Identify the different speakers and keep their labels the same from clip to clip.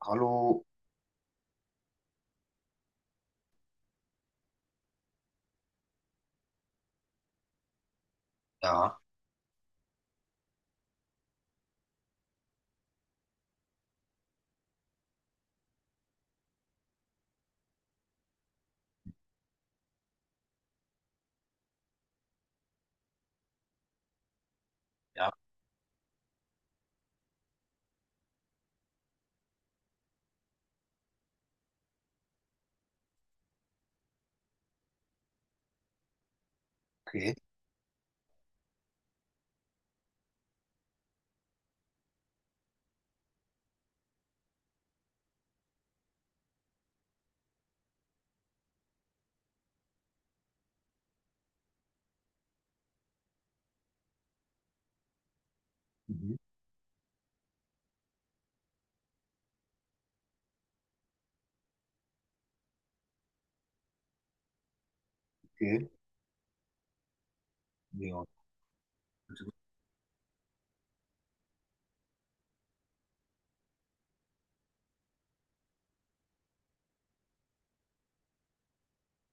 Speaker 1: Hallo. Ja, ja, okay. Mhm. Okay. Ja. Also,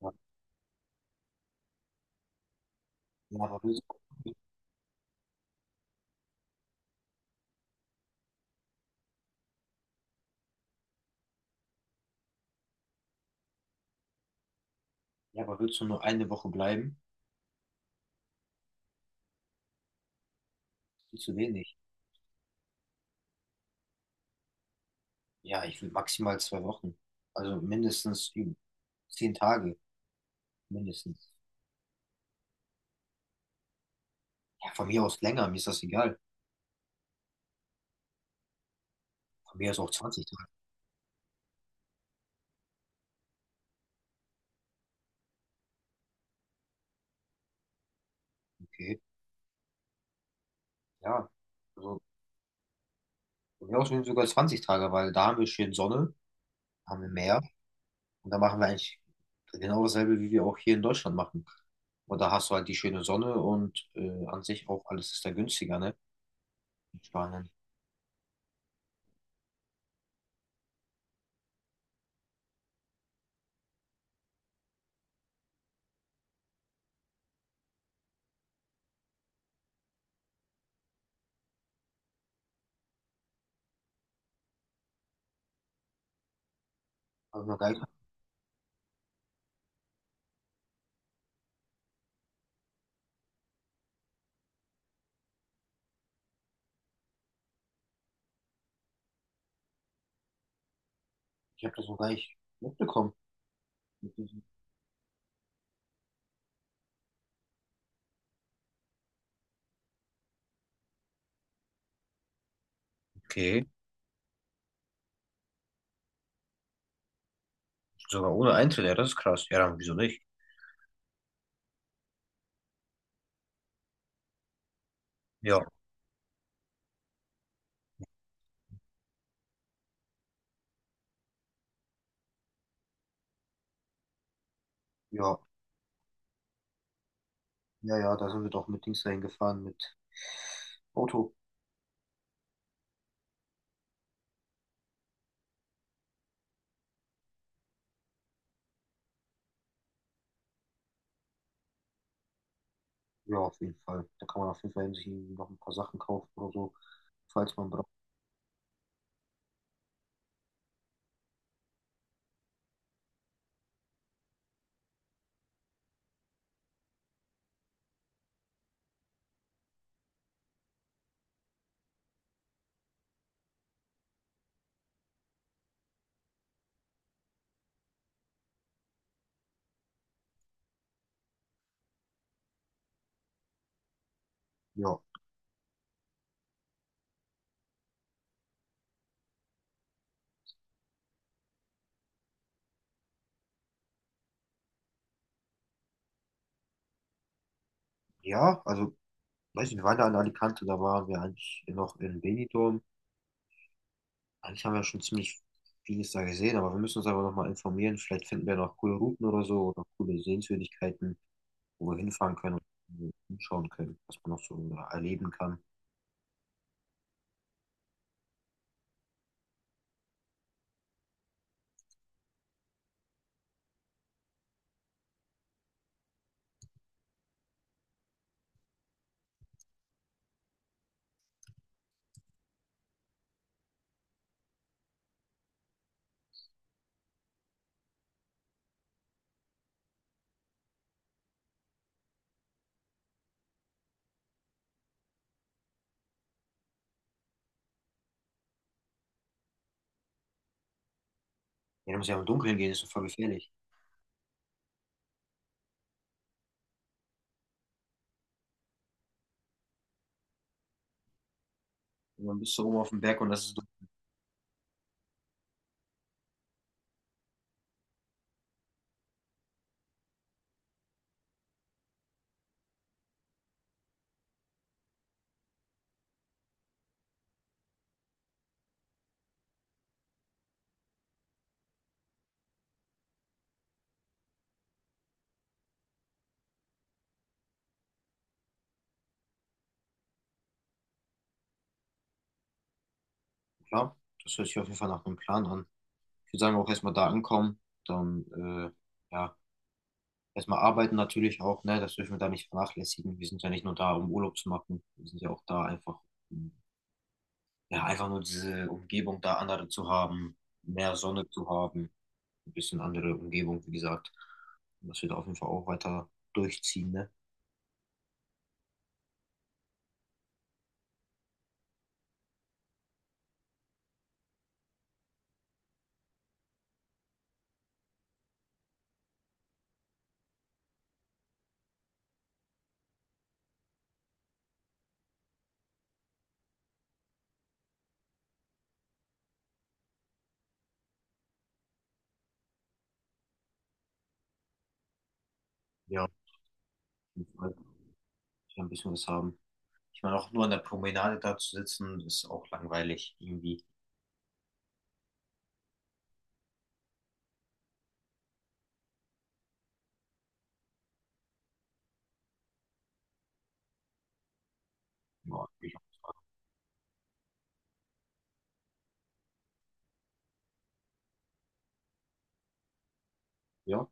Speaker 1: ja, Ja, aber willst, ja, aber willst du nur 1 Woche bleiben? Viel zu wenig. Ja, ich will maximal 2 Wochen. Also mindestens üben. 10 Tage, mindestens. Ja, von mir aus länger, mir ist das egal. Von mir aus auch 20 Tage, okay. Ja, also von mir aus sind sogar 20 Tage, weil da haben wir schön Sonne, haben wir Meer und da machen wir eigentlich genau dasselbe, wie wir auch hier in Deutschland machen. Und da hast du halt die schöne Sonne und an sich auch alles ist da günstiger, ne? In Spanien. Hab ich noch gar nicht, Ich habe das noch gar nicht mitbekommen. Mit okay, sogar ohne Eintritt, ja, das ist krass. Ja, dann wieso nicht? Ja, ja, ja, ja, da sind wir doch mit Dings dahin gefahren, mit Auto. Ja, auf jeden Fall. Da kann man auf jeden Fall sich irgendwie noch ein paar Sachen kaufen oder so, falls man braucht. Ja, ja, also, weiß nicht, wir waren da in Alicante, da waren wir eigentlich noch in Benidorm. Eigentlich haben wir schon ziemlich vieles da gesehen, aber wir müssen uns aber nochmal informieren. Vielleicht finden wir noch coole Routen oder so oder coole Sehenswürdigkeiten, wo wir hinfahren können und hinschauen können, was man noch so erleben kann. Ja, da muss ja im Dunkeln gehen, ist doch voll gefährlich. Und dann bist du oben auf dem Berg und das ist dunkel. Klar, das hört sich auf jeden Fall nach einem Plan an. Ich würde sagen, auch erstmal da ankommen, dann ja, erstmal arbeiten natürlich auch, ne? Das dürfen wir da nicht vernachlässigen. Wir sind ja nicht nur da, um Urlaub zu machen, wir sind ja auch da einfach, um, ja, einfach nur diese Umgebung da andere zu haben, mehr Sonne zu haben, ein bisschen andere Umgebung, wie gesagt. Und das wird auf jeden Fall auch weiter durchziehen, ne? Ja, ich ein bisschen was haben. Ich meine, auch nur an der Promenade da zu sitzen, ist auch langweilig irgendwie. Ja. ich- ja.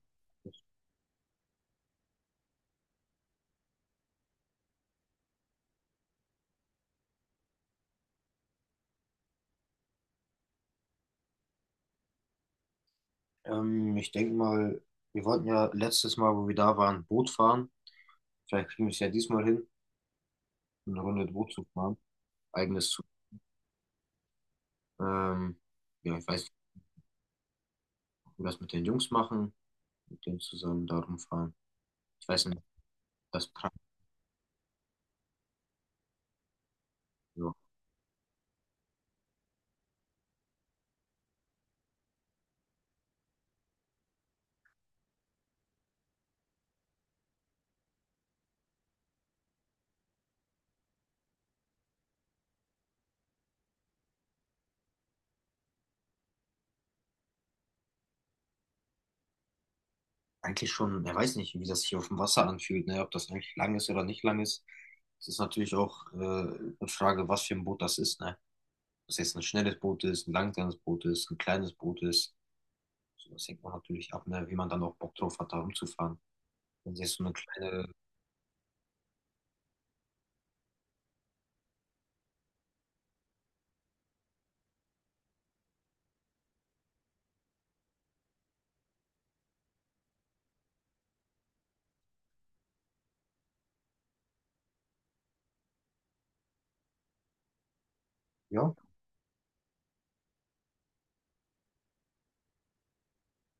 Speaker 1: Ich denke mal, wir wollten ja letztes Mal, wo wir da waren, Boot fahren. Vielleicht kriegen wir es ja diesmal hin, eine Runde Boot zu fahren. Eigenes zu. Ähm, ja, ich weiß nicht, ob wir das mit den Jungs machen, mit denen zusammen da rumfahren. Ich weiß nicht, das Plan. Eigentlich schon, er weiß nicht, wie das hier auf dem Wasser anfühlt, ne? Ob das eigentlich lang ist oder nicht lang ist. Das ist natürlich auch eine Frage, was für ein Boot das ist, ne? Ob das jetzt ein schnelles Boot ist, ein langsames Boot ist, ein kleines Boot ist. So, das hängt man natürlich ab, ne? Wie man dann auch Bock drauf hat, da rumzufahren. Wenn es jetzt so eine kleine, ja,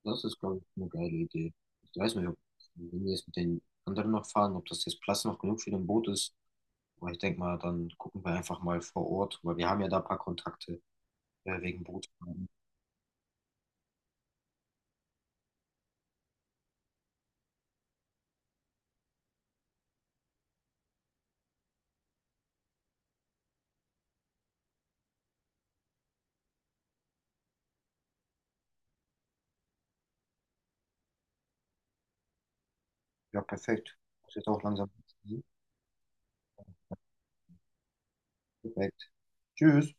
Speaker 1: das ist, glaube ich, eine geile Idee. Ich weiß nicht, ob, wenn wir jetzt mit den anderen noch fahren, ob das jetzt Platz noch genug für ein Boot ist. Aber ich denke mal, dann gucken wir einfach mal vor Ort, weil wir haben ja da ein paar Kontakte wegen Boot. Ja, perfekt. Muss jetzt auch langsam. Perfekt. Tschüss.